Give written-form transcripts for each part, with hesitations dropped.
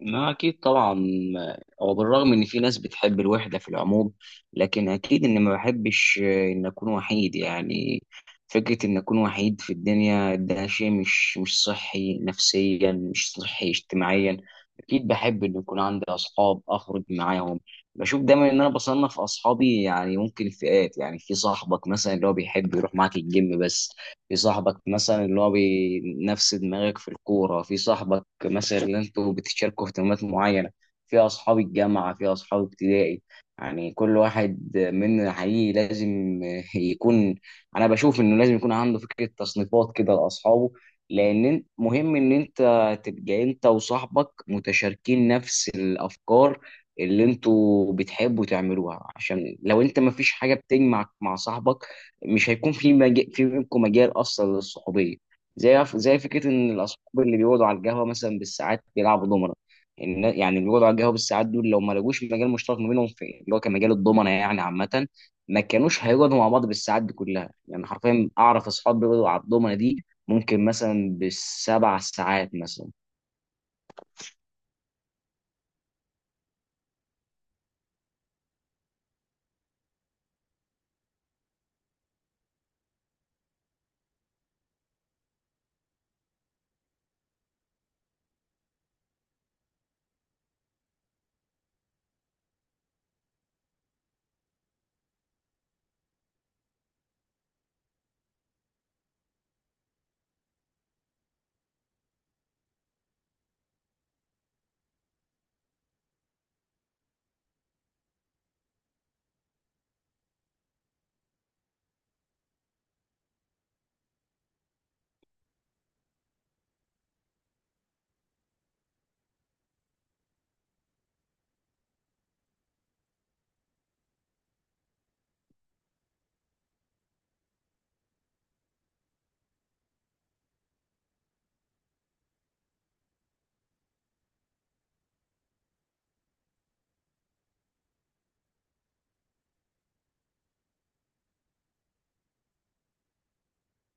ما أكيد طبعا. هو بالرغم إن في ناس بتحب الوحدة في العموم، لكن أكيد إن ما بحبش إن أكون وحيد يعني. فكرة إن أكون وحيد في الدنيا ده شيء مش صحي نفسيا، مش صحي اجتماعيا. أكيد بحب إن يكون عندي أصحاب أخرج معاهم. بشوف دايما إن أنا بصنف أصحابي يعني ممكن فئات، يعني في صاحبك مثلا اللي هو بيحب يروح معاك الجيم بس، في صاحبك مثلا اللي هو نفس دماغك في الكورة، في صاحبك مثلا اللي انتوا بتشاركوا اهتمامات معينة، في أصحاب الجامعة، في أصحاب ابتدائي. يعني كل واحد مننا حقيقي لازم يكون، أنا بشوف إنه لازم يكون عنده فكرة تصنيفات كده لأصحابه. لأن مهم إن أنت تبقى أنت وصاحبك متشاركين نفس الأفكار اللي أنتوا بتحبوا تعملوها، عشان لو أنت مفيش حاجة بتجمعك مع صاحبك مش هيكون في مجال، في بينكم مجال اصلا للصحوبيه. زي فكره ان الاصحاب اللي بيقعدوا على القهوه مثلا بالساعات بيلعبوا دومنه. يعني اللي بيقعدوا على القهوه بالساعات دول لو ما لقوش مجال مشترك ما بينهم في اللي هو كمجال الضمنه يعني عامه، ما كانوش هيقعدوا مع بعض بالساعات دي كلها. يعني حرفيا اعرف اصحاب بيقعدوا على الضمنه دي ممكن مثلا بالـ7 ساعات مثلا.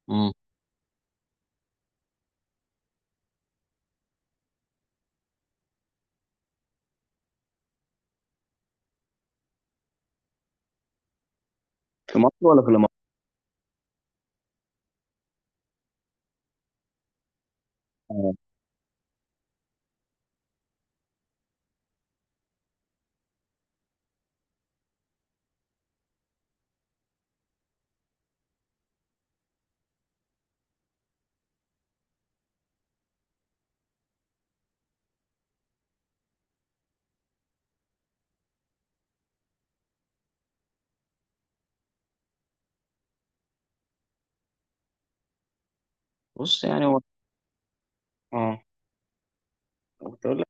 مم. في مصر ولا في الامارات؟ بص يعني هو، اه، كنت اقول لك.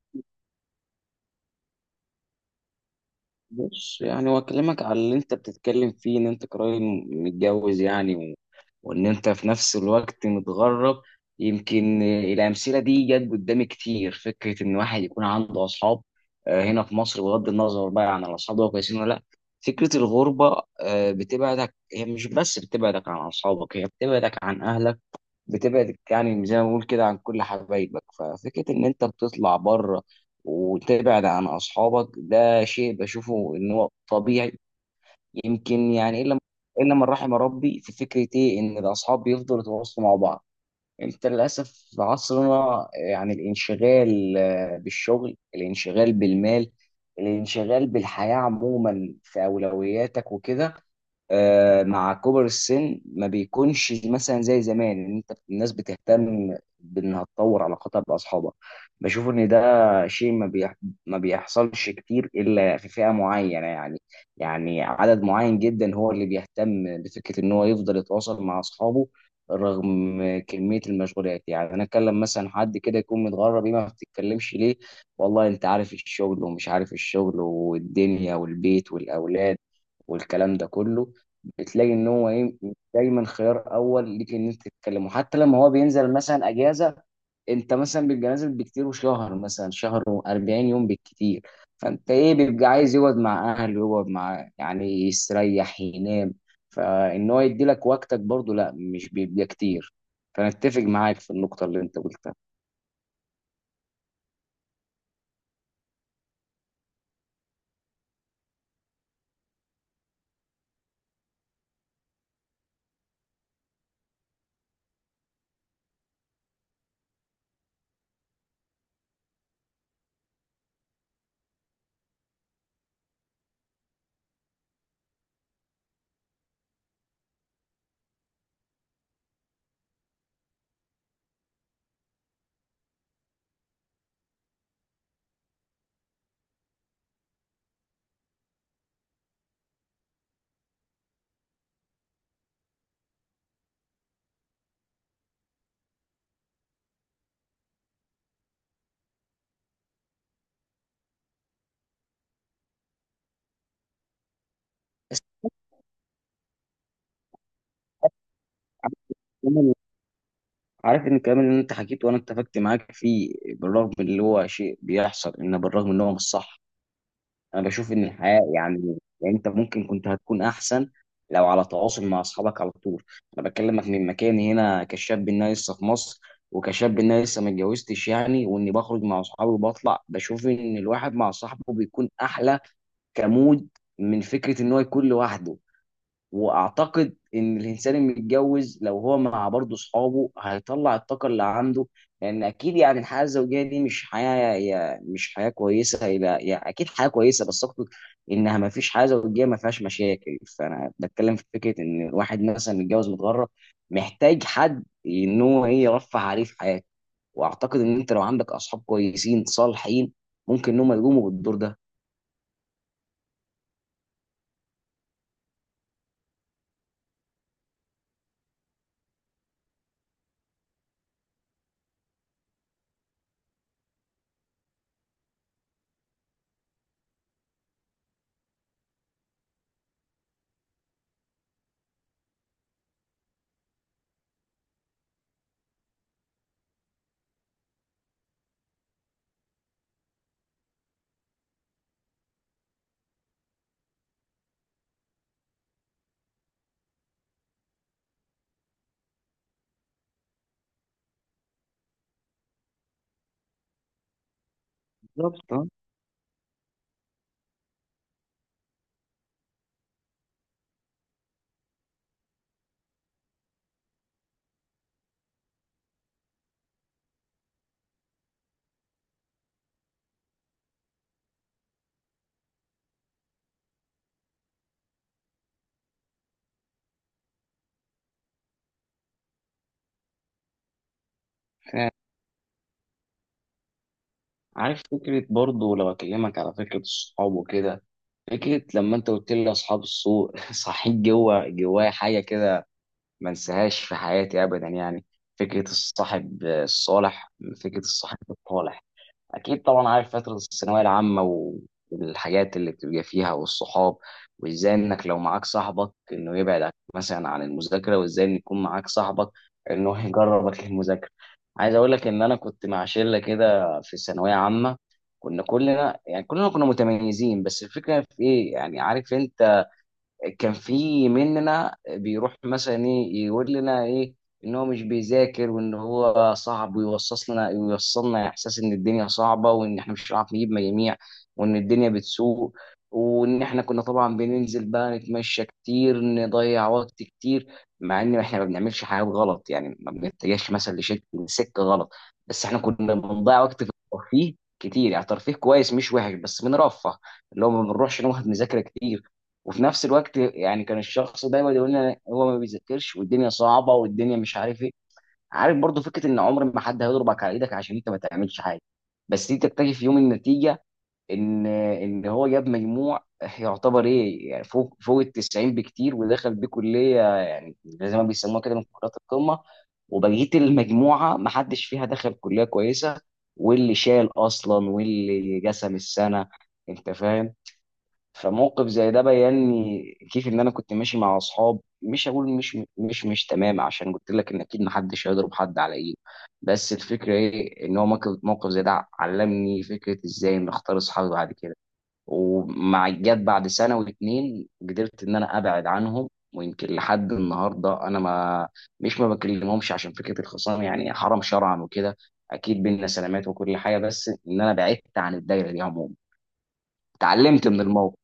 بص يعني هو اكلمك على اللي انت بتتكلم فيه، ان انت قريب متجوز يعني، وان انت في نفس الوقت متغرب. يمكن الامثله دي جت قدامي كتير، فكره ان واحد يكون عنده اصحاب آه، هنا في مصر بغض النظر بقى عن الاصحاب دول كويسين ولا لا. فكره الغربه آه، بتبعدك، هي مش بس بتبعدك عن اصحابك، هي بتبعدك عن اهلك، بتبعدك يعني زي ما بقول كده عن كل حبايبك. ففكره ان انت بتطلع بره وتبعد عن اصحابك ده شيء بشوفه ان هو طبيعي. يمكن يعني الا من رحم ربي في فكره ايه، ان الاصحاب بيفضلوا يتواصلوا مع بعض. انت للاسف في عصرنا يعني الانشغال آه، بالشغل، الانشغال بالمال، الانشغال بالحياه عموما في اولوياتك وكده، آه، مع كبر السن ما بيكونش مثلا زي زمان ان انت الناس بتهتم بانها تطور علاقاتها باصحابها. بشوف ان ده شيء ما بيحصلش كتير الا في فئة معينة يعني، يعني عدد معين جدا هو اللي بيهتم بفكرة ان هو يفضل يتواصل مع اصحابه رغم كمية المشغولات. يعني انا اتكلم مثلا حد كده يكون متغرب، ايه ما بتتكلمش ليه، والله انت عارف الشغل، ومش عارف الشغل، والدنيا، والبيت، والاولاد، والكلام ده كله. بتلاقي ان هو ايه دايما خيار اول ليك ان انت تتكلم. وحتى لما هو بينزل مثلا اجازه، انت مثلا بيبقى نازل بكتير، وشهر مثلا شهر و40 يوم بالكتير، فانت ايه بيبقى عايز يقعد مع اهله، يقعد مع يعني يستريح، ينام. فان هو يدي لك وقتك برضه لا مش بيبقى كتير. فانا اتفق معاك في النقطه اللي انت قلتها. بس عارف كمان- عارف ان الكلام اللي انت حكيته وانا اتفقت معاك فيه بالرغم اللي هو شيء بيحصل، ان بالرغم ان هو مش صح، انا بشوف ان الحياه يعني انت ممكن كنت هتكون احسن لو على تواصل مع اصحابك على طول. انا بكلمك من مكاني هنا كشاب ان انا لسه في مصر، وكشاب ان انا لسه ما اتجوزتش يعني، واني بخرج مع اصحابي وبطلع، بشوف ان الواحد مع صاحبه بيكون احلى كمود من فكره ان هو يكون لوحده. واعتقد ان الانسان المتجوز لو هو مع برضه اصحابه هيطلع الطاقه اللي عنده. لان اكيد يعني الحياه الزوجيه دي مش حياه، مش حياه كويسه الى يعني، اكيد حياه كويسه بس اقصد انها ما فيش حياه زوجيه ما فيهاش مشاكل. فانا بتكلم في فكره ان الواحد مثلا متجوز متغرب محتاج حد ان هو ايه يرفه عليه في حياته. واعتقد ان انت لو عندك اصحاب كويسين صالحين ممكن ان هم يقوموا بالدور ده بالظبط. آه. عارف فكرة برضو لو أكلمك على فكرة الصحاب وكده، فكرة لما انت قلت لي اصحاب السوق صحيت جوه جوايا حاجة كده، ما انساهاش في حياتي ابدا يعني. فكرة الصاحب الصالح، فكرة الصاحب الطالح، اكيد طبعا. عارف فتره الثانويه العامه والحاجات اللي بتبقى فيها والصحاب، وازاي انك لو معاك صاحبك انه يبعد مثلا عن المذاكره، وازاي ان يكون معاك صاحبك انه يجربك للمذاكره. عايز اقول لك ان انا كنت مع شله كده في الثانويه عامه، كنا كلنا يعني كلنا كنا متميزين، بس الفكره في ايه يعني، عارف انت، كان في مننا بيروح مثلا ايه يقول لنا ايه ان هو مش بيذاكر، وان هو صعب، ويوصص لنا يوصلنا احساس ان الدنيا صعبه، وان احنا مش هنعرف نجيب مجاميع، وان الدنيا بتسوء. وان احنا كنا طبعا بننزل بقى نتمشى كتير، نضيع وقت كتير، مع ان احنا ما بنعملش حاجات غلط يعني، ما بنتجهش مثلا لسكه غلط، بس احنا كنا بنضيع وقت في الترفيه كتير، يعني ترفيه كويس مش وحش بس بنرفه، اللي هو ما بنروحش نقعد نذاكر كتير. وفي نفس الوقت يعني كان الشخص دايما يقول لي هو ما بيذاكرش، والدنيا صعبه، والدنيا مش عارف ايه. عارف برضو فكره ان عمر ما حد هيضربك على ايدك عشان انت ما تعملش حاجه، بس دي تكتشف في يوم النتيجه ان هو جاب مجموع يعتبر ايه يعني فوق ال 90 بكتير، ودخل بيه كليه يعني زي ما بيسموها كده من كليات القمه، وبقيه المجموعه ما حدش فيها دخل كليه كويسه، واللي شال اصلا، واللي جسم السنه، انت فاهم. فموقف زي ده بيني كيف ان انا كنت ماشي مع اصحاب مش هقول مش تمام، عشان قلت لك ان اكيد محدش هيضرب حد على ايده، بس الفكره ايه ان هو موقف زي ده علمني فكره ازاي ان اختار اصحابي بعد كده. ومع جت بعد سنه واتنين قدرت ان انا ابعد عنهم. ويمكن لحد النهارده انا ما بكلمهمش عشان فكره الخصام يعني حرام شرعا وكده، اكيد بينا سلامات وكل حاجه، بس ان انا بعدت عن الدايره دي عموما. اتعلمت من الموقف.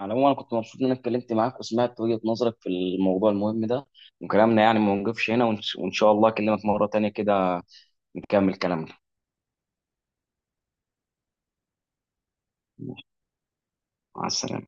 على العموم انا كنت مبسوط ان انا اتكلمت معاك وسمعت وجهة نظرك في الموضوع المهم ده، وكلامنا يعني ما نوقفش هنا، وإن شاء الله اكلمك مرة تانية كده نكمل كلامنا. مع السلامة.